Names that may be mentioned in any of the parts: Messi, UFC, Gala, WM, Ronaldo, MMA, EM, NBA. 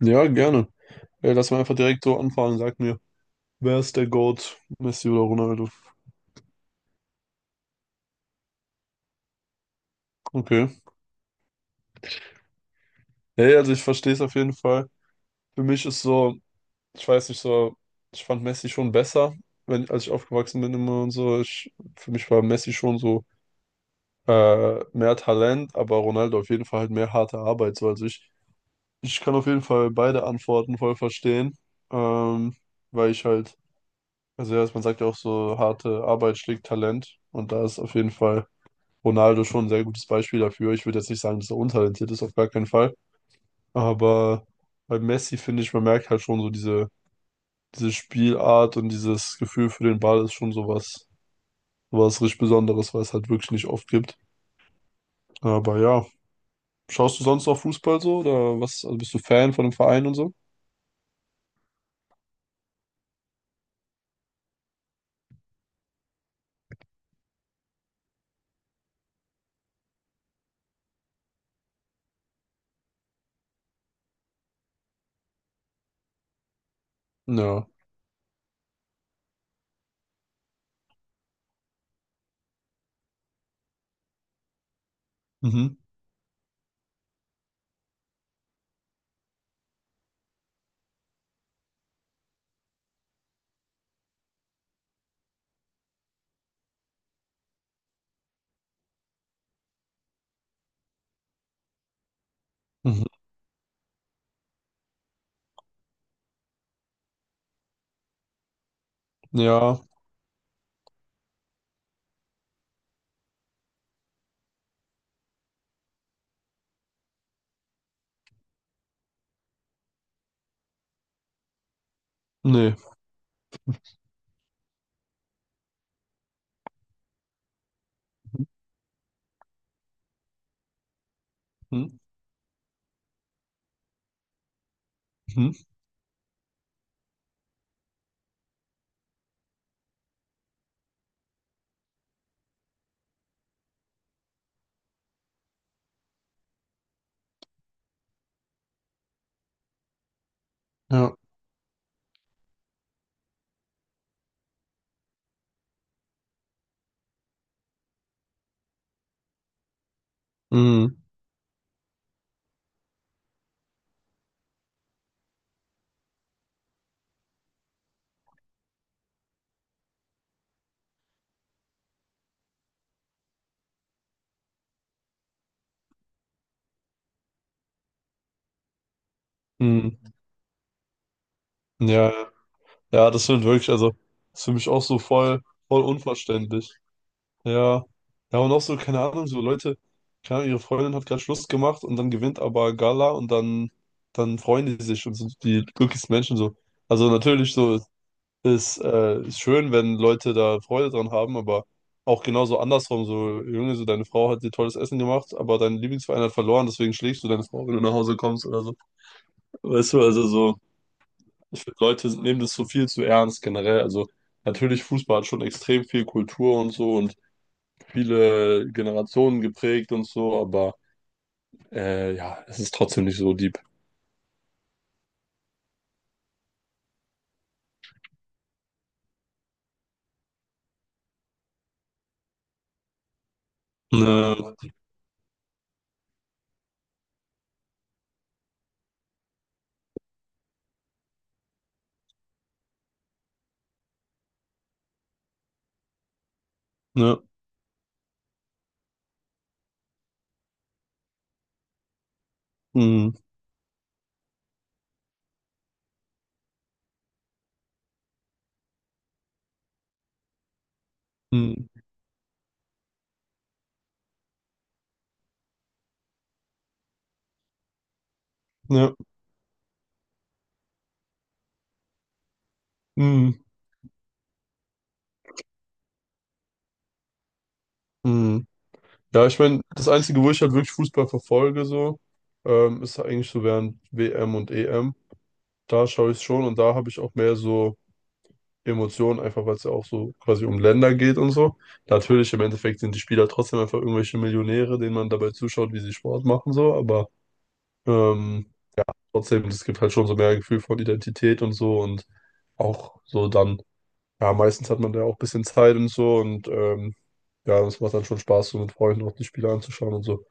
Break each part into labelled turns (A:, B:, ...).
A: Ja, gerne. Lass mal einfach direkt so anfangen. Sag mir, wer ist der GOAT? Messi oder Ronaldo? Okay. Hey, also ich verstehe es auf jeden Fall. Für mich ist so, ich weiß nicht so, ich fand Messi schon besser, wenn, als ich aufgewachsen bin immer und so. Ich, für mich war Messi schon so mehr Talent, aber Ronaldo auf jeden Fall halt mehr harte Arbeit. So, also ich kann auf jeden Fall beide Antworten voll verstehen, ähm, weil ich halt, also ja, man sagt ja auch so, harte Arbeit schlägt Talent und da ist auf jeden Fall Ronaldo schon ein sehr gutes Beispiel dafür. Ich würde jetzt nicht sagen, dass er untalentiert ist, auf gar keinen Fall. Aber bei Messi finde ich, man merkt halt schon so diese Spielart und dieses Gefühl für den Ball ist schon sowas richtig Besonderes, was es halt wirklich nicht oft gibt. Aber ja, schaust du sonst auch Fußball so oder was? Also bist du Fan von einem Verein und so? Ja. Mhm. Mhm. Ja. Nee. Mhm. Mhm. Ja. Mhm. Mhm. Ja. Ja, das sind wirklich, also, das ist für mich auch so voll, voll unverständlich. Ja, ja, und auch so, keine Ahnung, so Leute, keine Ahnung, ihre Freundin hat gerade Schluss gemacht und dann gewinnt aber Gala und dann, dann freuen die sich und sind die glücklichsten Menschen so. Also natürlich so ist, ist schön, wenn Leute da Freude dran haben, aber auch genauso andersrum, so, Junge, so deine Frau hat dir tolles Essen gemacht, aber dein Lieblingsverein hat verloren, deswegen schlägst du deine Frau, wenn du nach Hause kommst oder so. Weißt du, also so, ich finde, Leute nehmen das so viel zu ernst generell. Also natürlich, Fußball hat schon extrem viel Kultur und so und viele Generationen geprägt und so, aber ja, es ist trotzdem nicht so deep. Ne, ne, mm, mm, ne, mm, mm. Ja, ich meine, das Einzige, wo ich halt wirklich Fußball verfolge, so, ist eigentlich so während WM und EM. Da schaue ich schon und da habe ich auch mehr so Emotionen, einfach weil es ja auch so quasi um Länder geht und so. Natürlich, im Endeffekt sind die Spieler trotzdem einfach irgendwelche Millionäre, denen man dabei zuschaut, wie sie Sport machen, so, aber ähm, trotzdem, es gibt halt schon so mehr Gefühl von Identität und so und auch so dann, ja, meistens hat man da auch ein bisschen Zeit und so und ja, das macht dann schon Spaß, so mit Freunden auch die Spiele anzuschauen und so.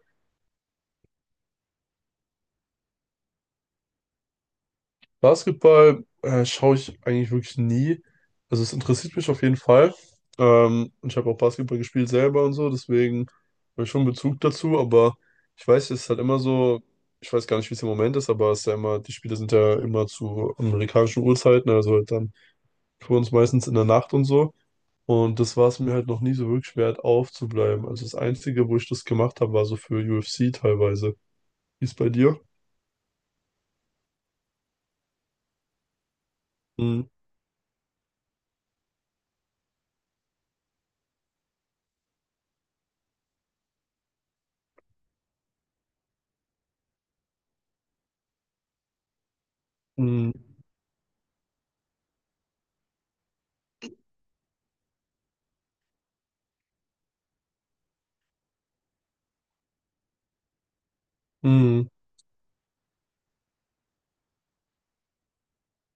A: Basketball schaue ich eigentlich wirklich nie. Also es interessiert mich auf jeden Fall. Und ich habe auch Basketball gespielt selber und so, deswegen habe ich schon Bezug dazu, aber ich weiß, es ist halt immer so, ich weiß gar nicht, wie es im Moment ist, aber es ist ja immer, die Spiele sind ja immer zu amerikanischen Uhrzeiten, also halt dann für uns meistens in der Nacht und so. Und das war es mir halt noch nie so wirklich wert, aufzubleiben. Also das Einzige, wo ich das gemacht habe, war so für UFC teilweise. Wie ist bei dir? Mm, mm, mm,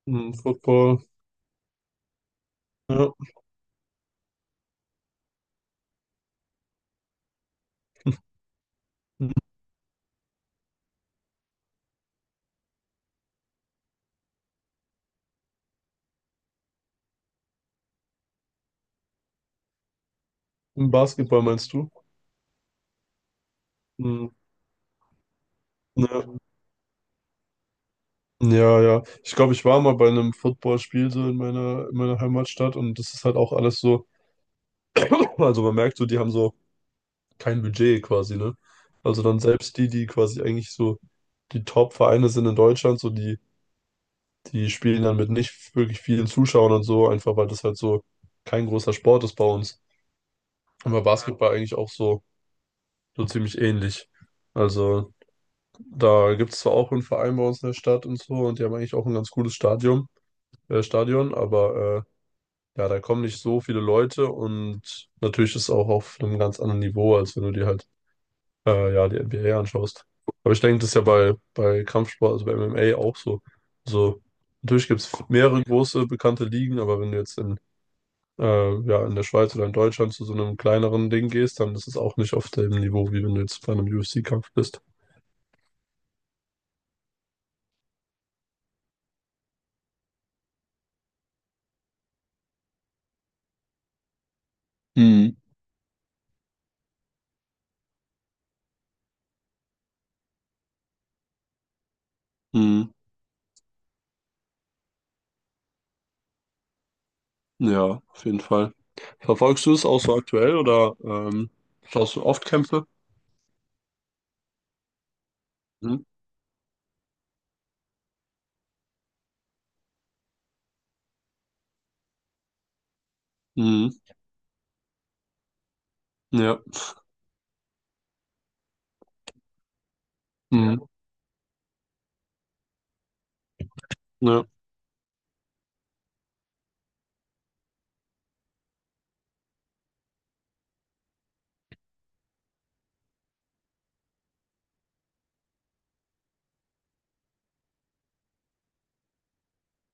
A: mm, Football. Ja. Mm, im Basketball meinst du? Mm, ja. Ja, ja. Ich glaube, ich war mal bei einem Footballspiel so in in meiner Heimatstadt und das ist halt auch alles so. Also man merkt so, die haben so kein Budget quasi, ne? Also dann selbst die quasi eigentlich so die Top-Vereine sind in Deutschland, so die spielen dann mit nicht wirklich vielen Zuschauern und so, einfach weil das halt so kein großer Sport ist bei uns. Aber ja. Basketball eigentlich auch so, so ziemlich ähnlich. Also da gibt es zwar auch einen Verein bei uns in der Stadt und so und die haben eigentlich auch ein ganz cooles Stadion, aber ja, da kommen nicht so viele Leute und natürlich ist es auch auf einem ganz anderen Niveau, als wenn du dir halt ja, die NBA anschaust. Aber ich denke, das ist ja bei Kampfsport, also bei MMA auch so. So, natürlich gibt es mehrere große bekannte Ligen, aber wenn du jetzt in ja, in der Schweiz oder in Deutschland zu so einem kleineren Ding gehst, dann ist es auch nicht auf dem Niveau, wie wenn du jetzt bei einem UFC-Kampf bist. Mhm. Mhm. Ja, auf jeden Fall. Verfolgst du es auch so aktuell oder schaust du oft Kämpfe? Mhm. Mhm. Ja. Mhm. Ja.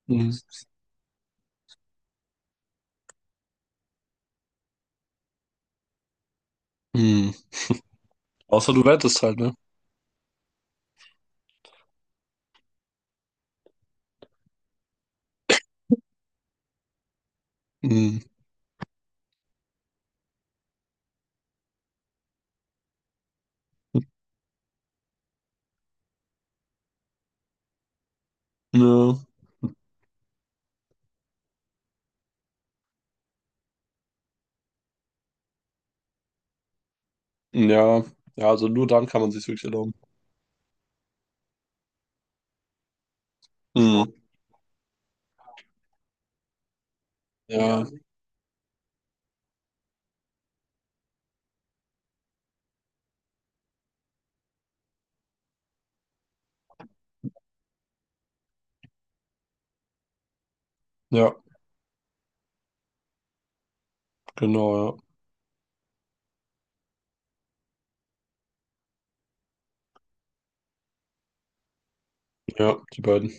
A: Mhm. Mhm. Außer du wettest halt, ne? Mhm. Ja. Ja. Ja, also nur dann kann man sich wirklich erlauben. Mhm. Ja. Ja, genau, ja. Ja, die beiden.